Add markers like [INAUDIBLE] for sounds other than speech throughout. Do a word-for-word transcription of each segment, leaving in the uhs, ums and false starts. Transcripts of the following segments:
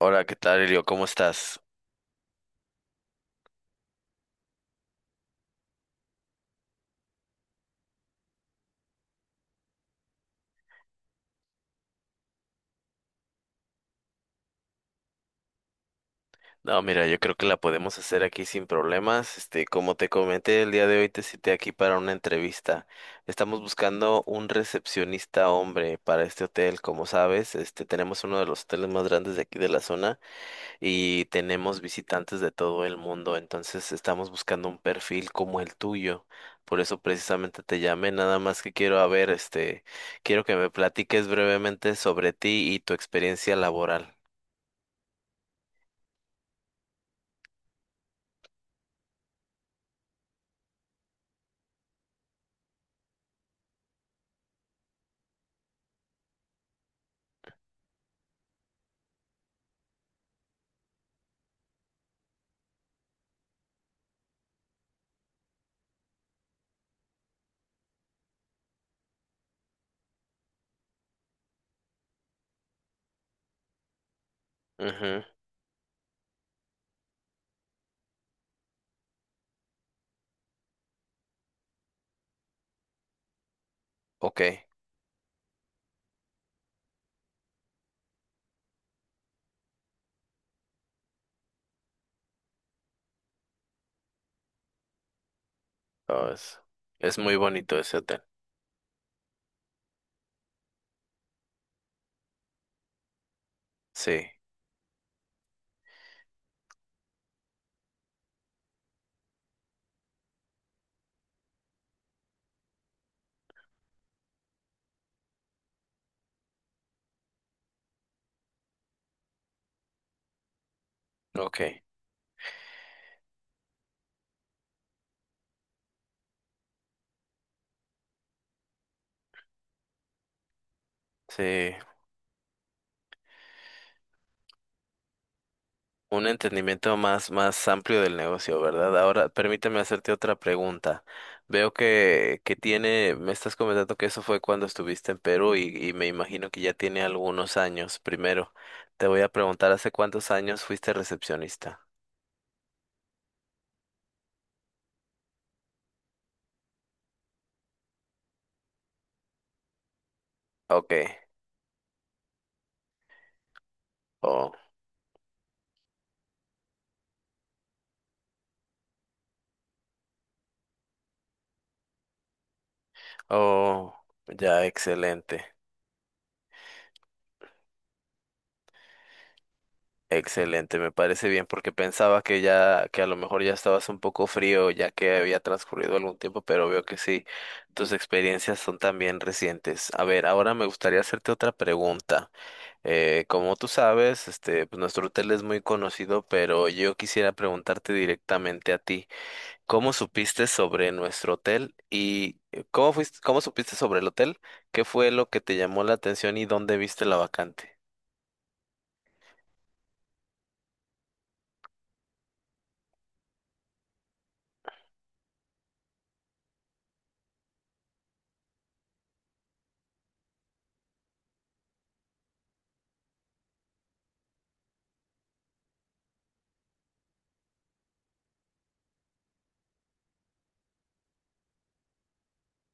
Hola, ¿qué tal, Elio? ¿Cómo estás? No, mira, yo creo que la podemos hacer aquí sin problemas. Este, como te comenté, el día de hoy te cité aquí para una entrevista. Estamos buscando un recepcionista hombre para este hotel. Como sabes, este, tenemos uno de los hoteles más grandes de aquí de la zona y tenemos visitantes de todo el mundo. Entonces, estamos buscando un perfil como el tuyo. Por eso precisamente te llamé, nada más que quiero a ver, este, quiero que me platiques brevemente sobre ti y tu experiencia laboral. Ujú. Ok, oh, es, es muy bonito ese hotel. Sí, ok, sí, un entendimiento más, más amplio del negocio, ¿verdad? Ahora, permíteme hacerte otra pregunta. Veo que, que tiene, me estás comentando que eso fue cuando estuviste en Perú y, y me imagino que ya tiene algunos años. Primero, te voy a preguntar, ¿hace cuántos años fuiste recepcionista? Ok, oh, oh, ya, excelente. Excelente, me parece bien porque pensaba que ya, que a lo mejor ya estabas un poco frío ya que había transcurrido algún tiempo, pero veo que sí, tus experiencias son también recientes. A ver, ahora me gustaría hacerte otra pregunta. Eh, como tú sabes, este, pues nuestro hotel es muy conocido, pero yo quisiera preguntarte directamente a ti, ¿cómo supiste sobre nuestro hotel y eh, cómo fuiste, cómo supiste sobre el hotel? ¿Qué fue lo que te llamó la atención y dónde viste la vacante?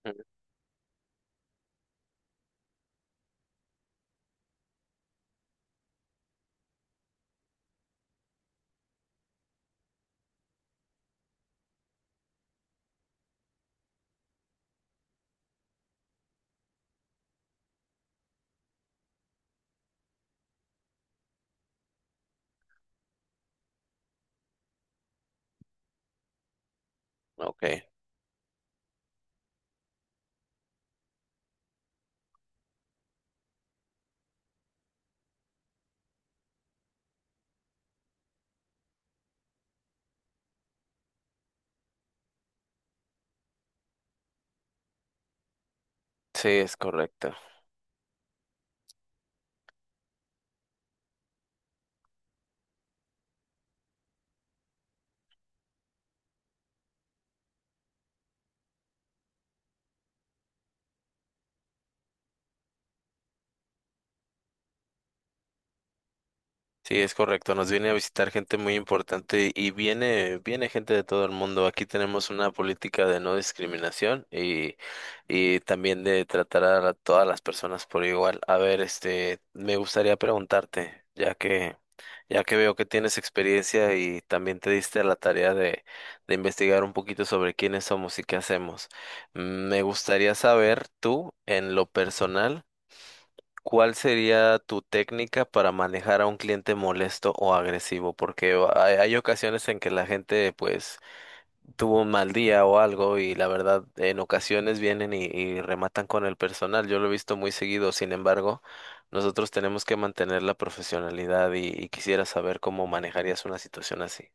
Mm. Ok, sí, es correcto. Sí, es correcto. Nos viene a visitar gente muy importante y viene, viene gente de todo el mundo. Aquí tenemos una política de no discriminación y, y también de tratar a la- todas las personas por igual. A ver, este, me gustaría preguntarte, ya que, ya que veo que tienes experiencia y también te diste a la tarea de, de investigar un poquito sobre quiénes somos y qué hacemos. Mm. Me gustaría saber tú, en lo personal, ¿cuál sería tu técnica para manejar a un cliente molesto o agresivo? Porque hay, hay ocasiones en que la gente pues tuvo un mal día o algo y la verdad en ocasiones vienen y, y rematan con el personal. Yo lo he visto muy seguido, sin embargo, nosotros tenemos que mantener la profesionalidad y, y quisiera saber cómo manejarías una situación así.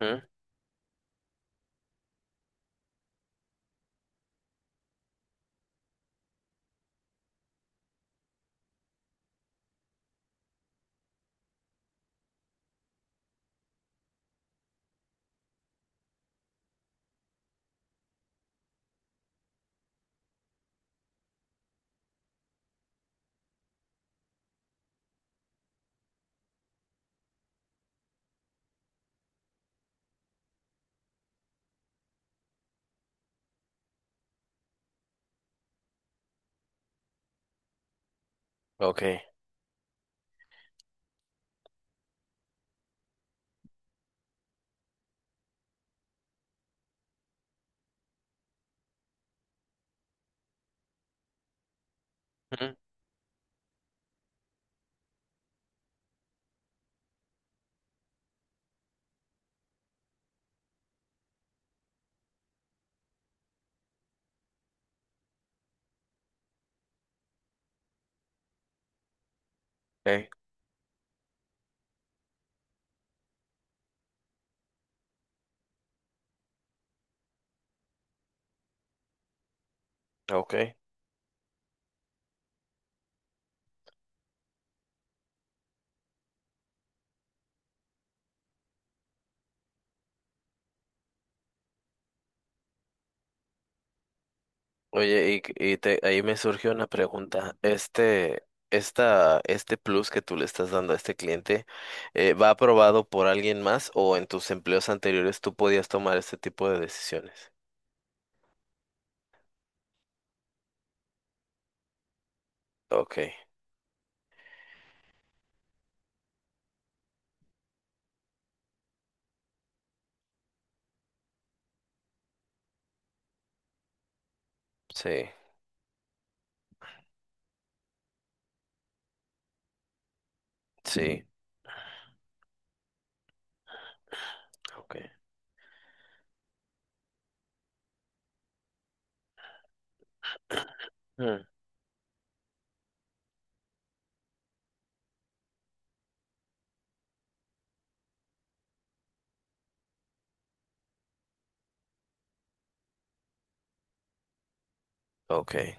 Ujú, ok. Ujú, ok, ok. Oye, y, y te- ahí me surgió una pregunta. Este, esta, este plus que tú le estás dando a este cliente, eh, ¿va aprobado por alguien más o en tus empleos anteriores tú podías tomar este tipo de decisiones? Ok, sí, sí, ok. Mm. Ok.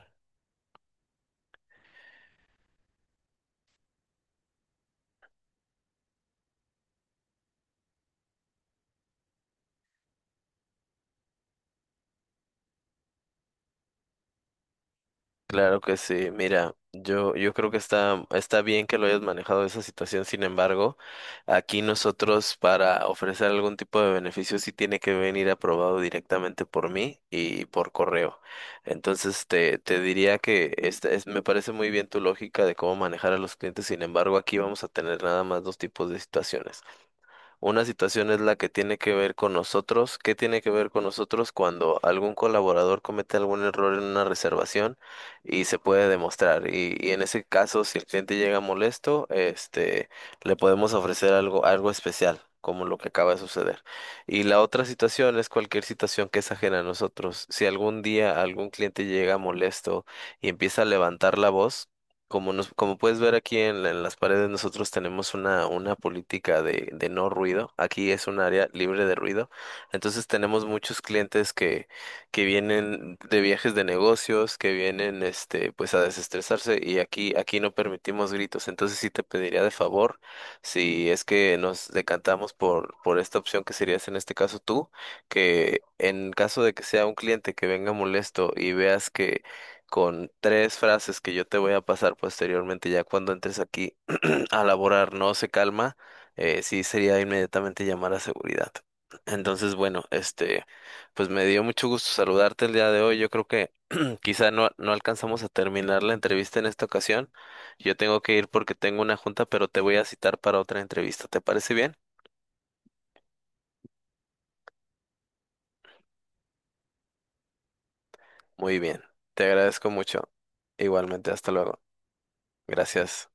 Claro que sí, mira, yo, yo creo que está, está bien que lo hayas manejado esa situación, sin embargo, aquí nosotros para ofrecer algún tipo de beneficio sí tiene que venir aprobado directamente por mí y por correo. Entonces te, te diría que esta es, me parece muy bien tu lógica de cómo manejar a los clientes, sin embargo, aquí vamos a tener nada más dos tipos de situaciones. Una situación es la que tiene que ver con nosotros. ¿Qué tiene que ver con nosotros cuando algún colaborador comete algún error en una reservación y se puede demostrar? Y, y en ese caso, si el cliente llega molesto, este, le podemos ofrecer algo, algo especial, como lo que acaba de suceder. Y la otra situación es cualquier situación que es ajena a nosotros. Si algún día algún cliente llega molesto y empieza a levantar la voz, como nos, como puedes ver aquí en, la- en las paredes, nosotros tenemos una, una política de, de no ruido. Aquí es un área libre de ruido. Entonces tenemos muchos clientes que, que vienen de viajes de negocios, que vienen este, pues a desestresarse, y aquí, aquí no permitimos gritos. Entonces sí te pediría de favor, si es que nos decantamos por, por esta opción que serías en este caso tú, que en caso de que sea un cliente que venga molesto y veas que con tres frases que yo te voy a pasar posteriormente, ya cuando entres aquí [CLEARS THROAT] a laborar, no se calma, eh, sí sería inmediatamente llamar a seguridad. Entonces, bueno, este, pues me dio mucho gusto saludarte el día de hoy. Yo creo que [CLEARS THROAT] quizá no, no alcanzamos a terminar la entrevista en esta ocasión. Yo tengo que ir porque tengo una junta, pero te voy a citar para otra entrevista. ¿Te parece bien? Muy bien. Te agradezco mucho. Igualmente, hasta luego. Gracias.